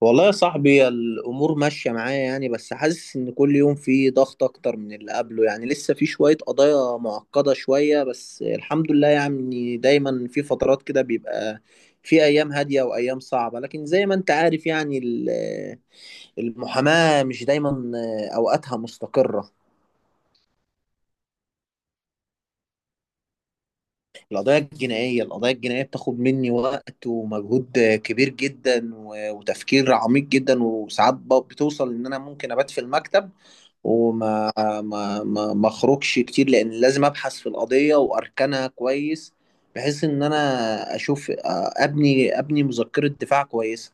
والله يا صاحبي الامور ماشيه معايا يعني بس حاسس ان كل يوم في ضغط اكتر من اللي قبله يعني لسه في شويه قضايا معقده شويه بس الحمد لله يعني دايما في فترات كده بيبقى في ايام هاديه وايام صعبه لكن زي ما انت عارف يعني المحاماه مش دايما اوقاتها مستقره. القضايا الجنائيه، القضايا الجنائيه بتاخد مني وقت ومجهود كبير جدا وتفكير عميق جدا، وساعات بتوصل ان انا ممكن ابات في المكتب وما ما ما ما اخرجش كتير لان لازم ابحث في القضيه واركنها كويس بحيث ان انا اشوف ابني مذكره دفاع كويسه.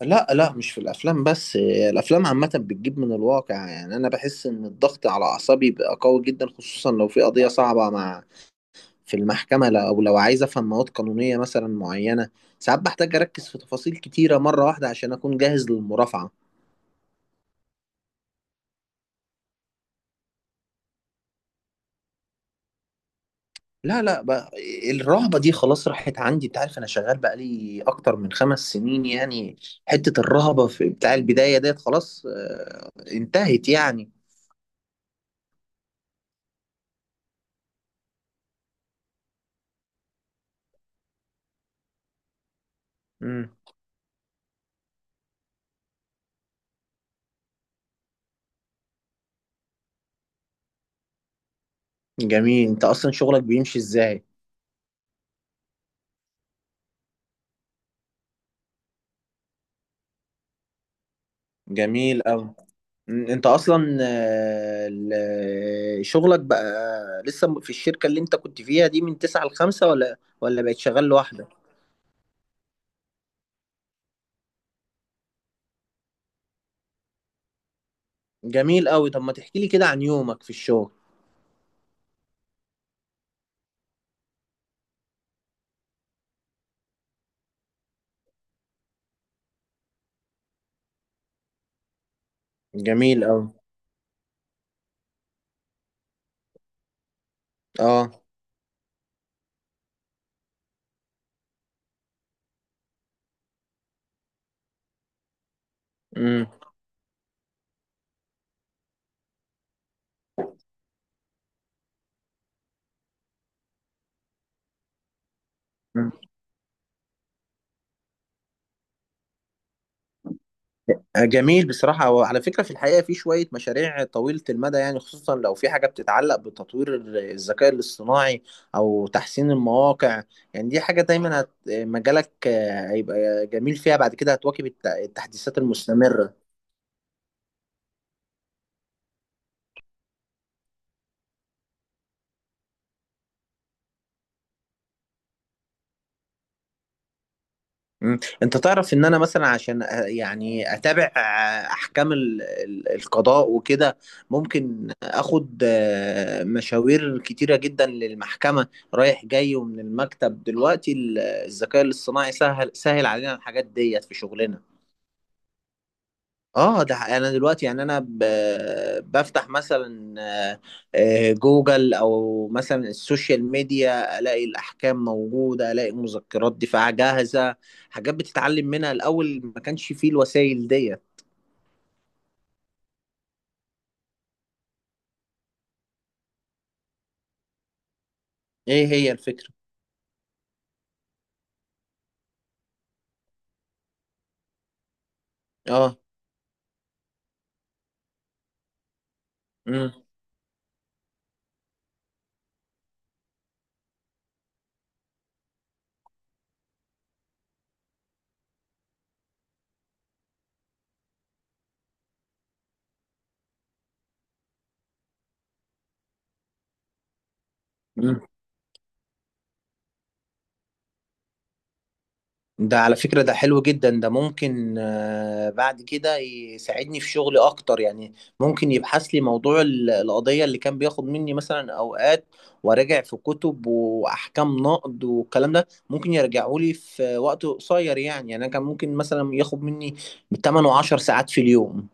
لا لا، مش في الافلام بس، الافلام عامه بتجيب من الواقع يعني. انا بحس ان الضغط على اعصابي بقى قوي جدا خصوصا لو في قضيه صعبه مع في المحكمه، او لو عايز افهم مواد قانونيه مثلا معينه. ساعات بحتاج اركز في تفاصيل كتيره مره واحده عشان اكون جاهز للمرافعه. لا لا بقى، الرهبة دي خلاص راحت عندي. انت عارف انا شغال بقالي اكتر من 5 سنين يعني، حتة الرهبة في بتاع البداية ديت خلاص انتهت يعني. مم. جميل، انت اصلا شغلك بيمشي ازاي؟ جميل اوي. مم، انت اصلا، شغلك بقى لسه في الشركة اللي انت كنت فيها دي من 9 ل5، ولا بقيت شغال لوحدك؟ جميل اوي، طب ما تحكي لي كده عن يومك في الشغل. جميل اوي. اه. مم. جميل بصراحة. هو على فكرة في الحقيقة في شوية مشاريع طويلة المدى يعني، خصوصا لو في حاجة بتتعلق بتطوير الذكاء الاصطناعي أو تحسين المواقع. يعني دي حاجة دايما مجالك هيبقى جميل فيها، بعد كده هتواكب التحديثات المستمرة. مم. انت تعرف ان انا مثلا عشان يعني اتابع احكام القضاء وكده، ممكن اخد مشاوير كتيرة جدا للمحكمة رايح جاي ومن المكتب. دلوقتي الذكاء الاصطناعي سهل، سهل علينا الحاجات ديت في شغلنا. اه ده حقيقي. انا دلوقتي يعني بفتح مثلا آه، جوجل او مثلا السوشيال ميديا، الاقي الاحكام موجوده، الاقي مذكرات دفاع جاهزه، حاجات بتتعلم منها. الاول ما كانش فيه الوسائل دي. ايه هي الفكره؟ اه. امم إمم. ده على فكرة ده حلو جدا، ده ممكن بعد كده يساعدني في شغلي أكتر يعني. ممكن يبحث لي موضوع القضية اللي كان بياخد مني مثلا أوقات، وراجع في كتب وأحكام نقض والكلام ده ممكن يرجعوا لي في وقت قصير يعني. يعني أنا كان ممكن مثلا ياخد مني 8 و10 ساعات في اليوم،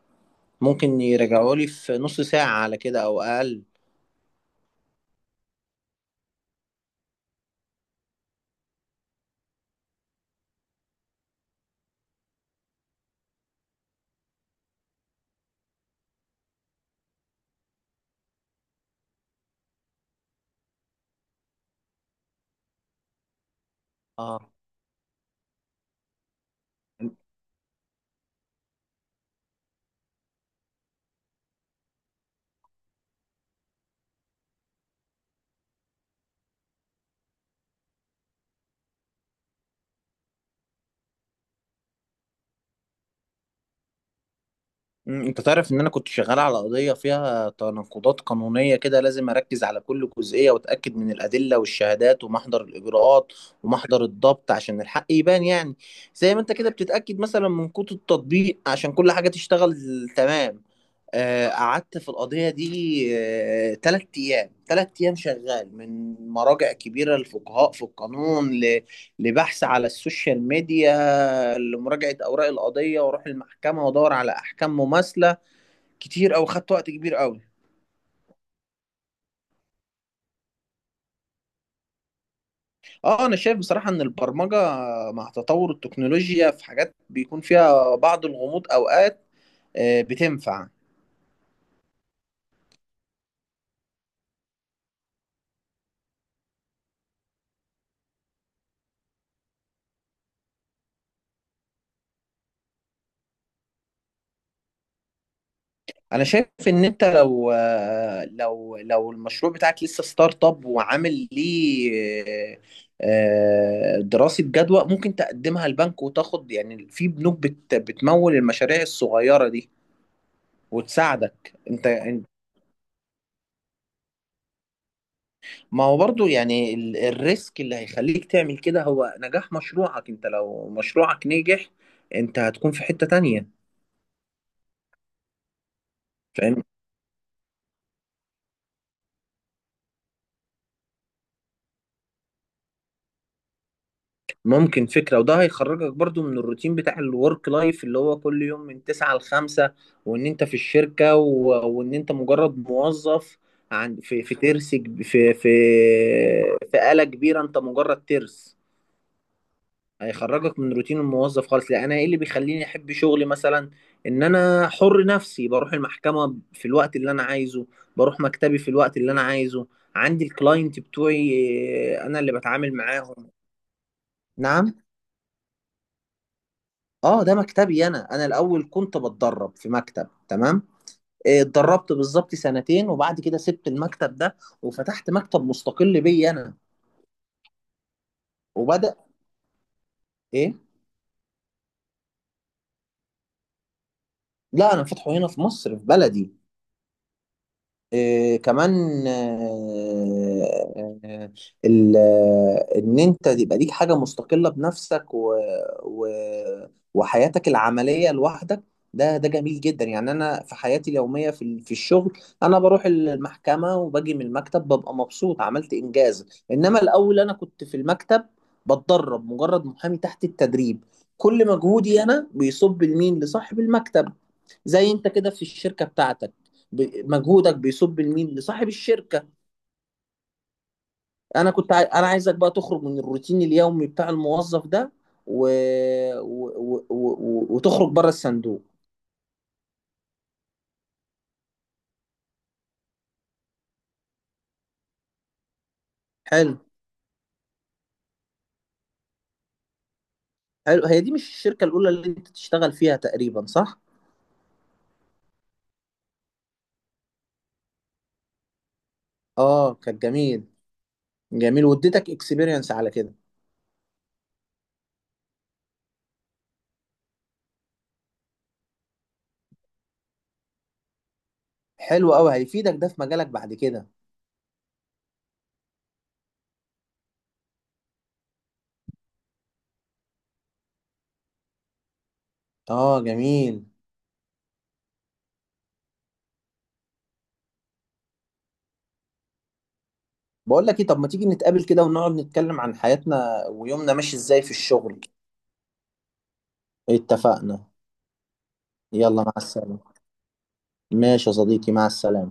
ممكن يرجعوا لي في نص ساعة على كده أو أقل. اه. مم، انت تعرف ان انا كنت شغال على قضية فيها تناقضات قانونية كده، لازم اركز على كل جزئية واتأكد من الادلة والشهادات ومحضر الاجراءات ومحضر الضبط عشان الحق يبان يعني. زي ما انت كده بتتأكد مثلا من كود التطبيق عشان كل حاجة تشتغل تمام. قعدت في القضية دي 3 أيام، 3 أيام شغال من مراجع كبيرة للفقهاء في القانون، لبحث على السوشيال ميديا، لمراجعة أوراق القضية، وأروح المحكمة وأدور على أحكام مماثلة كتير. او خدت وقت كبير قوي. اه انا شايف بصراحه ان البرمجه مع تطور التكنولوجيا في حاجات بيكون فيها بعض الغموض اوقات، بتنفع. انا شايف ان انت لو لو المشروع بتاعك لسه ستارت اب وعامل ليه آه، دراسه جدوى، ممكن تقدمها البنك وتاخد. يعني في بنوك بتمول المشاريع الصغيره دي وتساعدك انت. ما هو برضو يعني الريسك اللي هيخليك تعمل كده هو نجاح مشروعك. انت لو مشروعك نجح انت هتكون في حتة تانية. فاهم. ممكن فكرة، وده هيخرجك برضو من الروتين بتاع الورك لايف اللي هو كل يوم من 9 ل5، وان انت في الشركة و... وان انت مجرد موظف. عن... في في في آلة كبيرة انت مجرد ترس. هيخرجك من روتين الموظف خالص. لا انا ايه اللي بيخليني احب شغلي مثلا؟ ان انا حر نفسي، بروح المحكمه في الوقت اللي انا عايزه، بروح مكتبي في الوقت اللي انا عايزه، عندي الكلاينت بتوعي انا اللي بتعامل معاهم. نعم. اه ده مكتبي انا. انا الاول كنت بتدرب في مكتب تمام، اتدربت بالظبط سنتين، وبعد كده سبت المكتب ده وفتحت مكتب مستقل بي انا وبدأ. ايه؟ لا انا فاتحه هنا في مصر في بلدي. إيه كمان؟ آه، آه، ان انت يبقى ليك حاجه مستقله بنفسك و... وحياتك العمليه لوحدك، ده جميل جدا يعني. انا في حياتي اليوميه في الشغل، انا بروح المحكمه وباجي من المكتب ببقى مبسوط، عملت انجاز. انما الاول انا كنت في المكتب بتدرب، مجرد محامي تحت التدريب، كل مجهودي انا بيصب لمين؟ لصاحب المكتب. زي انت كده في الشركه بتاعتك، مجهودك بيصب لمين؟ لصاحب الشركه. انا عايزك بقى تخرج من الروتين اليومي بتاع الموظف ده و... وتخرج بره الصندوق. حلو. حلو، هي دي مش الشركه الاولى اللي انت تشتغل فيها تقريبا، صح؟ اه كانت جميل، جميل، واديتك اكسبيرينس على كده. حلو قوي، هيفيدك ده في مجالك بعد كده. اه جميل. بقول لك ايه، طب ما تيجي نتقابل كده ونقعد نتكلم عن حياتنا ويومنا ماشي ازاي في الشغل. اتفقنا. يلا مع السلامة. ماشي يا صديقي، مع السلامة.